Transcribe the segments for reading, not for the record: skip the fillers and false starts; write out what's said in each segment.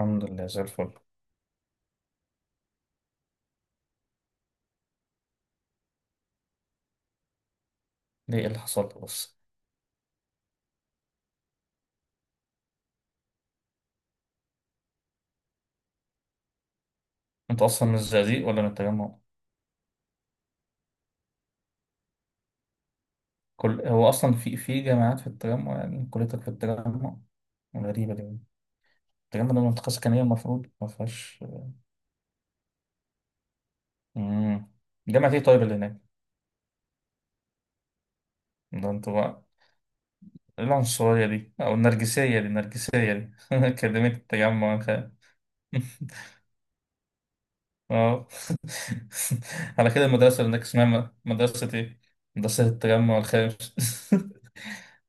الحمد لله زي الفل. ليه إيه اللي حصل لك بس؟ انت اصلا من الزقازيق ولا من التجمع؟ كل هو اصلا في جامعات في التجمع؟ يعني كليتك في التجمع؟ غريبة دي. التجمع ده منطقة سكنية المفروض ما فيهاش. امم، جامعة ايه طيب اللي هناك؟ ده انتوا بقى إيه العنصرية دي او النرجسية دي كلمة التجمع خ- اه على كده المدرسة اللي هناك اسمها مدرسة ايه؟ مدرسة التجمع الخامس.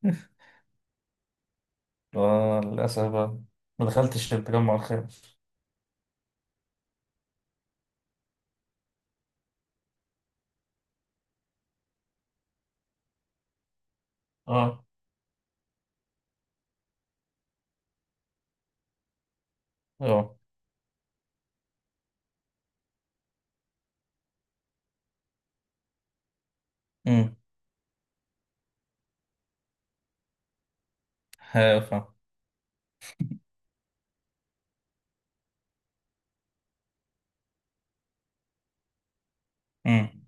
آه، للأسف بقى، ما دخلتش التجمع الخامس. اه، اه، امم، هافا، امم.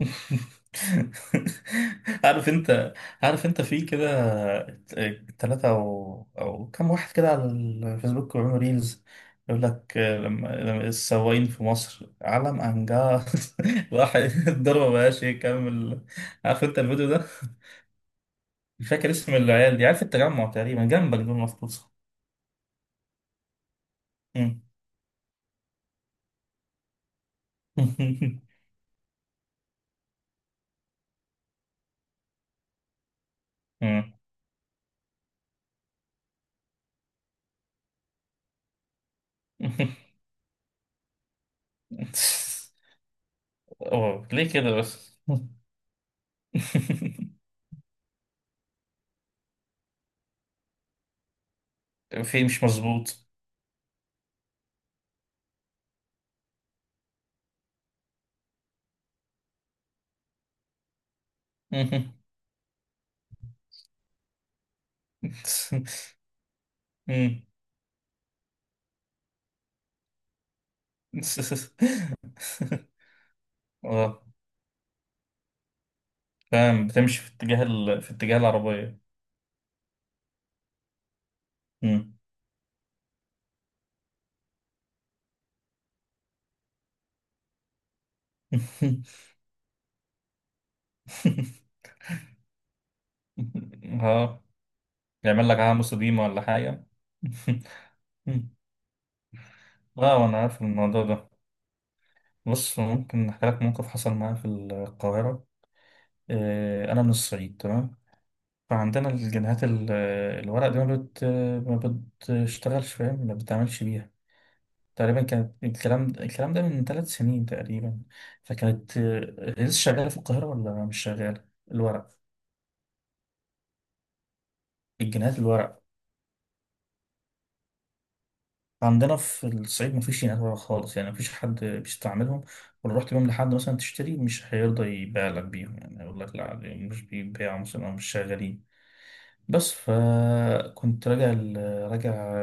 عارف انت؟ عارف انت في كده ثلاثة او كم واحد كده على الفيسبوك بيعملوا ريلز، يقول لك لما السواقين في مصر علم انجاز واحد. الضربة ما بقاش يكمل. عارف انت الفيديو ده؟ مش فاكر اسم العيال دي، عارف التجمع تقريبا جنبك دول مفروض صح؟ مم. مم. أوه، ليه كده بس؟ في مش مظبوط. اه فاهم، بتمشي في اتجاه في اتجاه العربية. مم. اه. يعمل لك عاموس قديمة ولا حاجة. اه وانا عارف الموضوع ده. بص ممكن احكي لك موقف حصل معايا في القاهرة. انا من الصعيد تمام، فعندنا الجنيهات الورق دي ما بتشتغلش، فاهم؟ ما بتتعملش بيها. تقريبا كانت الكلام ده من 3 سنين تقريبا، فكانت لسه شغالة في القاهرة ولا مش شغالة، الورق، الجنيهات الورق. عندنا في الصعيد مفيش جنيهات ورق خالص، يعني مفيش حد بيستعملهم، ولو رحت بيهم لحد مثلا تشتري مش هيرضى يبيع لك بيهم، يعني يقول لك لا دي مش بيتباعوا مثلا أو مش شغالين بس. فكنت راجع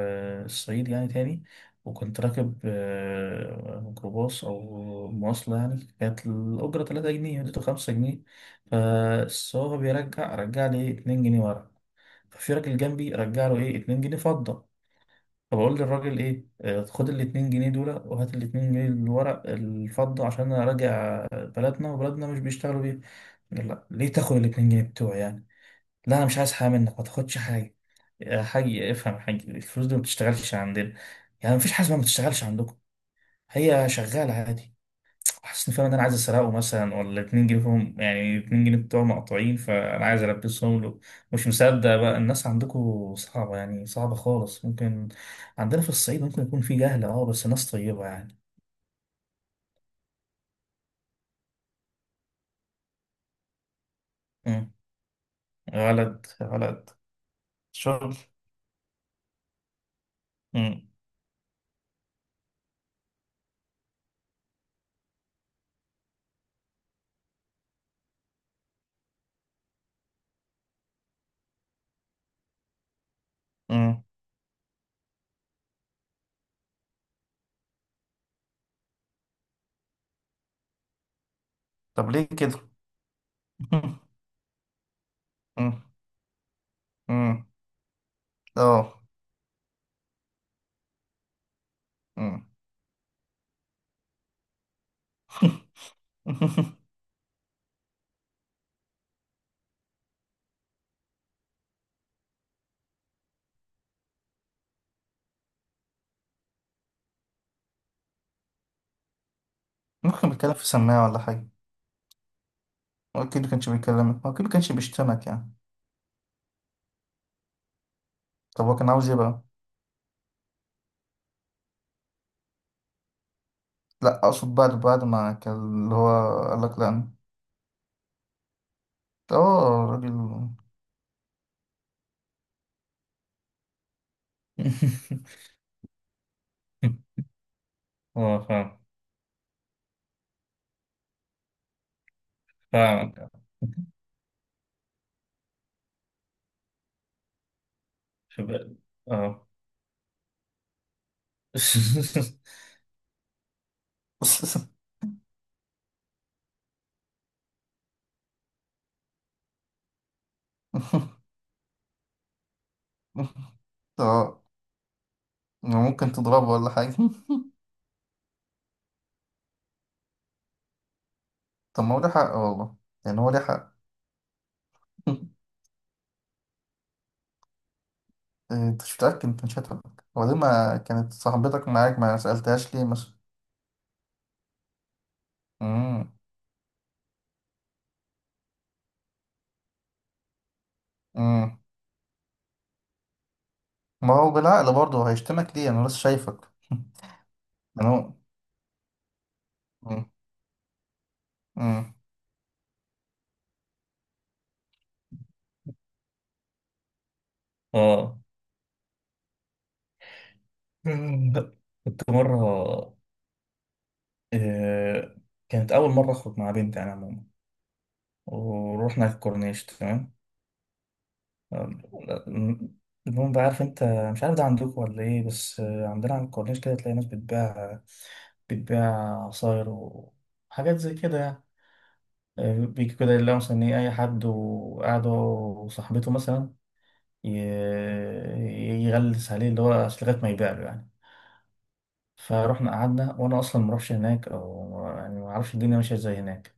الصعيد يعني تاني، وكنت راكب ميكروباص أو مواصلة، يعني كانت الأجرة 3 جنيه، اديته 5 جنيه، فالسواق رجع لي إيه 2 جنيه ورا. ففي راجل جنبي رجع له إيه 2 جنيه فضة. فبقول للراجل إيه خد ال 2 جنيه دول وهات ال 2 جنيه اللي ورا الفضة، عشان أنا راجع بلدنا وبلدنا مش بيشتغلوا بيها. قال لا، ليه تاخد ال 2 جنيه بتوعي يعني؟ لا أنا مش عايز حاجة منك، ما تاخدش حاجة. يا حاج افهم يا حاج، الفلوس دي ما بتشتغلش عندنا. يعني مفيش حاجه اسمها ما بتشتغلش عندكم، هي شغاله عادي. حاسس ان، فاهم ان انا عايز اسرقه مثلا ولا 2 جنيه فيهم، يعني 2 جنيه بتوع مقطوعين فانا عايز البسهم له. مش مصدق بقى. الناس عندكم صعبه، يعني صعبه خالص. ممكن عندنا في الصعيد ممكن يكون في جهل اه، بس ناس طيبه يعني. امم. غلط غلط. شغل. امم. امم. طب ليه كده؟ امم. امم. اه. امم. ممكن بتكلم في سماعه ولا حاجه؟ هو أكيد كانش بيكلمك، هو أكيد كانش بيشتمك يعني. طب هو كان عاوز إيه بقى؟ لأ أقصد بعد ما كان اللي هو قالك لأ أنا. آه راجل. اه فاهم. فاهمك. شوف. اه. آه. ممكن تضربه ولا حاجة. طب ما هو ليه حق والله، يعني هو ليه حق. انت مش متأكد، انت مش هتفهم. هو ليه ما كانت صاحبتك معاك، ما سألتهاش ليه مثلا؟ مم. ما هو بالعقل برضه هيشتمك ليه، انا لسه شايفك. انا هو- مم. مم. اه. لا، كنت مرة، آه، كانت أول مرة أخرج مع بنت أنا عموما، ورحنا الكورنيش تمام. آم، المهم بقى، عارف أنت، مش عارف ده عندكم ولا إيه، بس عندنا على الكورنيش كده تلاقي ناس بتبيع عصاير وحاجات زي كده يعني. بيجي كده يلاقوا مثلا إيه أي حد وقاعد هو وصاحبته مثلا، يغلس عليه، اللي هو أصل لغاية ما يبيع له يعني. فروحنا قعدنا، وأنا أصلا ما اعرفش هناك، أو يعني ما اعرفش الدنيا ماشية ازاي هناك.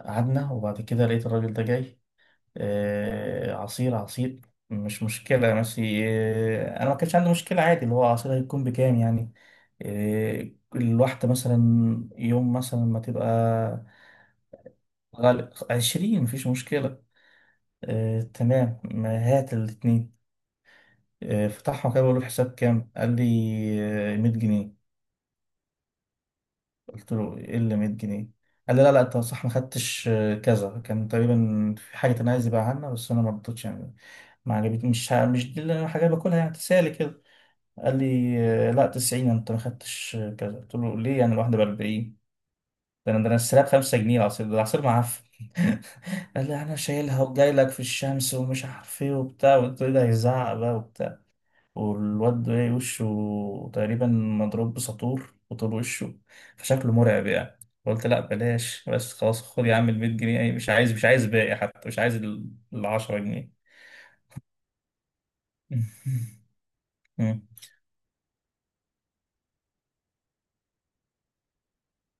قعدنا وبعد كده لقيت الراجل ده جاي، عصير عصير. مش مشكلة بس أنا ما كانش عندي مشكلة، عادي اللي هو عصير هيكون بكام يعني. آه، الواحدة مثلا يوم مثلا ما تبقى غالب 20 مفيش مشكلة. تمام ما هات الاتنين. فتحهم كده بقول له الحساب كام، قال لي 100 جنيه. قلت له ايه اللي 100 جنيه؟ قال لي لا لا انت صح ما خدتش كذا. كان تقريبا في حاجه انا عايز يبيعها لنا بس انا ما رضيتش يعني، ما عجبتني، مش دي اللي انا حاجه باكلها يعني، تسالي كده. قال لي لا 90 انت ما خدتش كذا. قلت له ليه يعني الواحده ب 40؟ ده انا السلاب 5 جنيه. العصير ده العصير معفن. قال لي انا شايلها وجاي لك في الشمس ومش عارف ايه وبتاع، وقلت له إيه ده هيزعق بقى. والواد ده إيه، وشه تقريبا مضروب بساطور وطول وشه، فشكله مرعب يعني. قلت لا بلاش بس، خلاص خد يا عم ال 100 جنيه، مش عايز باقي، حتى مش عايز ال 10 جنيه. مم.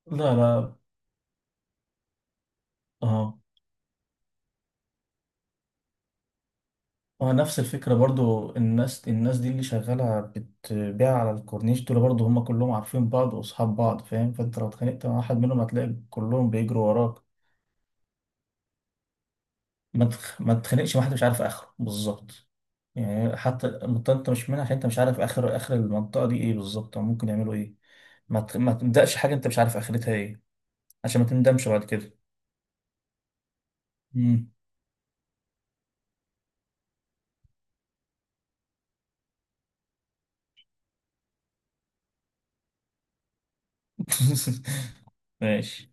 لا اه. اه، نفس الفكرة برضو، الناس دي اللي شغالة بتبيع على الكورنيش دول برضو، هم كلهم عارفين بعض واصحاب بعض فاهم، فانت لو اتخانقت مع واحد منهم هتلاقي كلهم بيجروا وراك. ما تخلقش واحد مش عارف اخره بالظبط، يعني حتى المنطقة انت مش منها، عشان انت مش عارف اخر المنطقة دي ايه بالظبط او ممكن يعملوا ايه. ما تبدأش حاجة انت مش عارف اخرتها ايه، عشان ما تندمش بعد كده. مم. ماشي.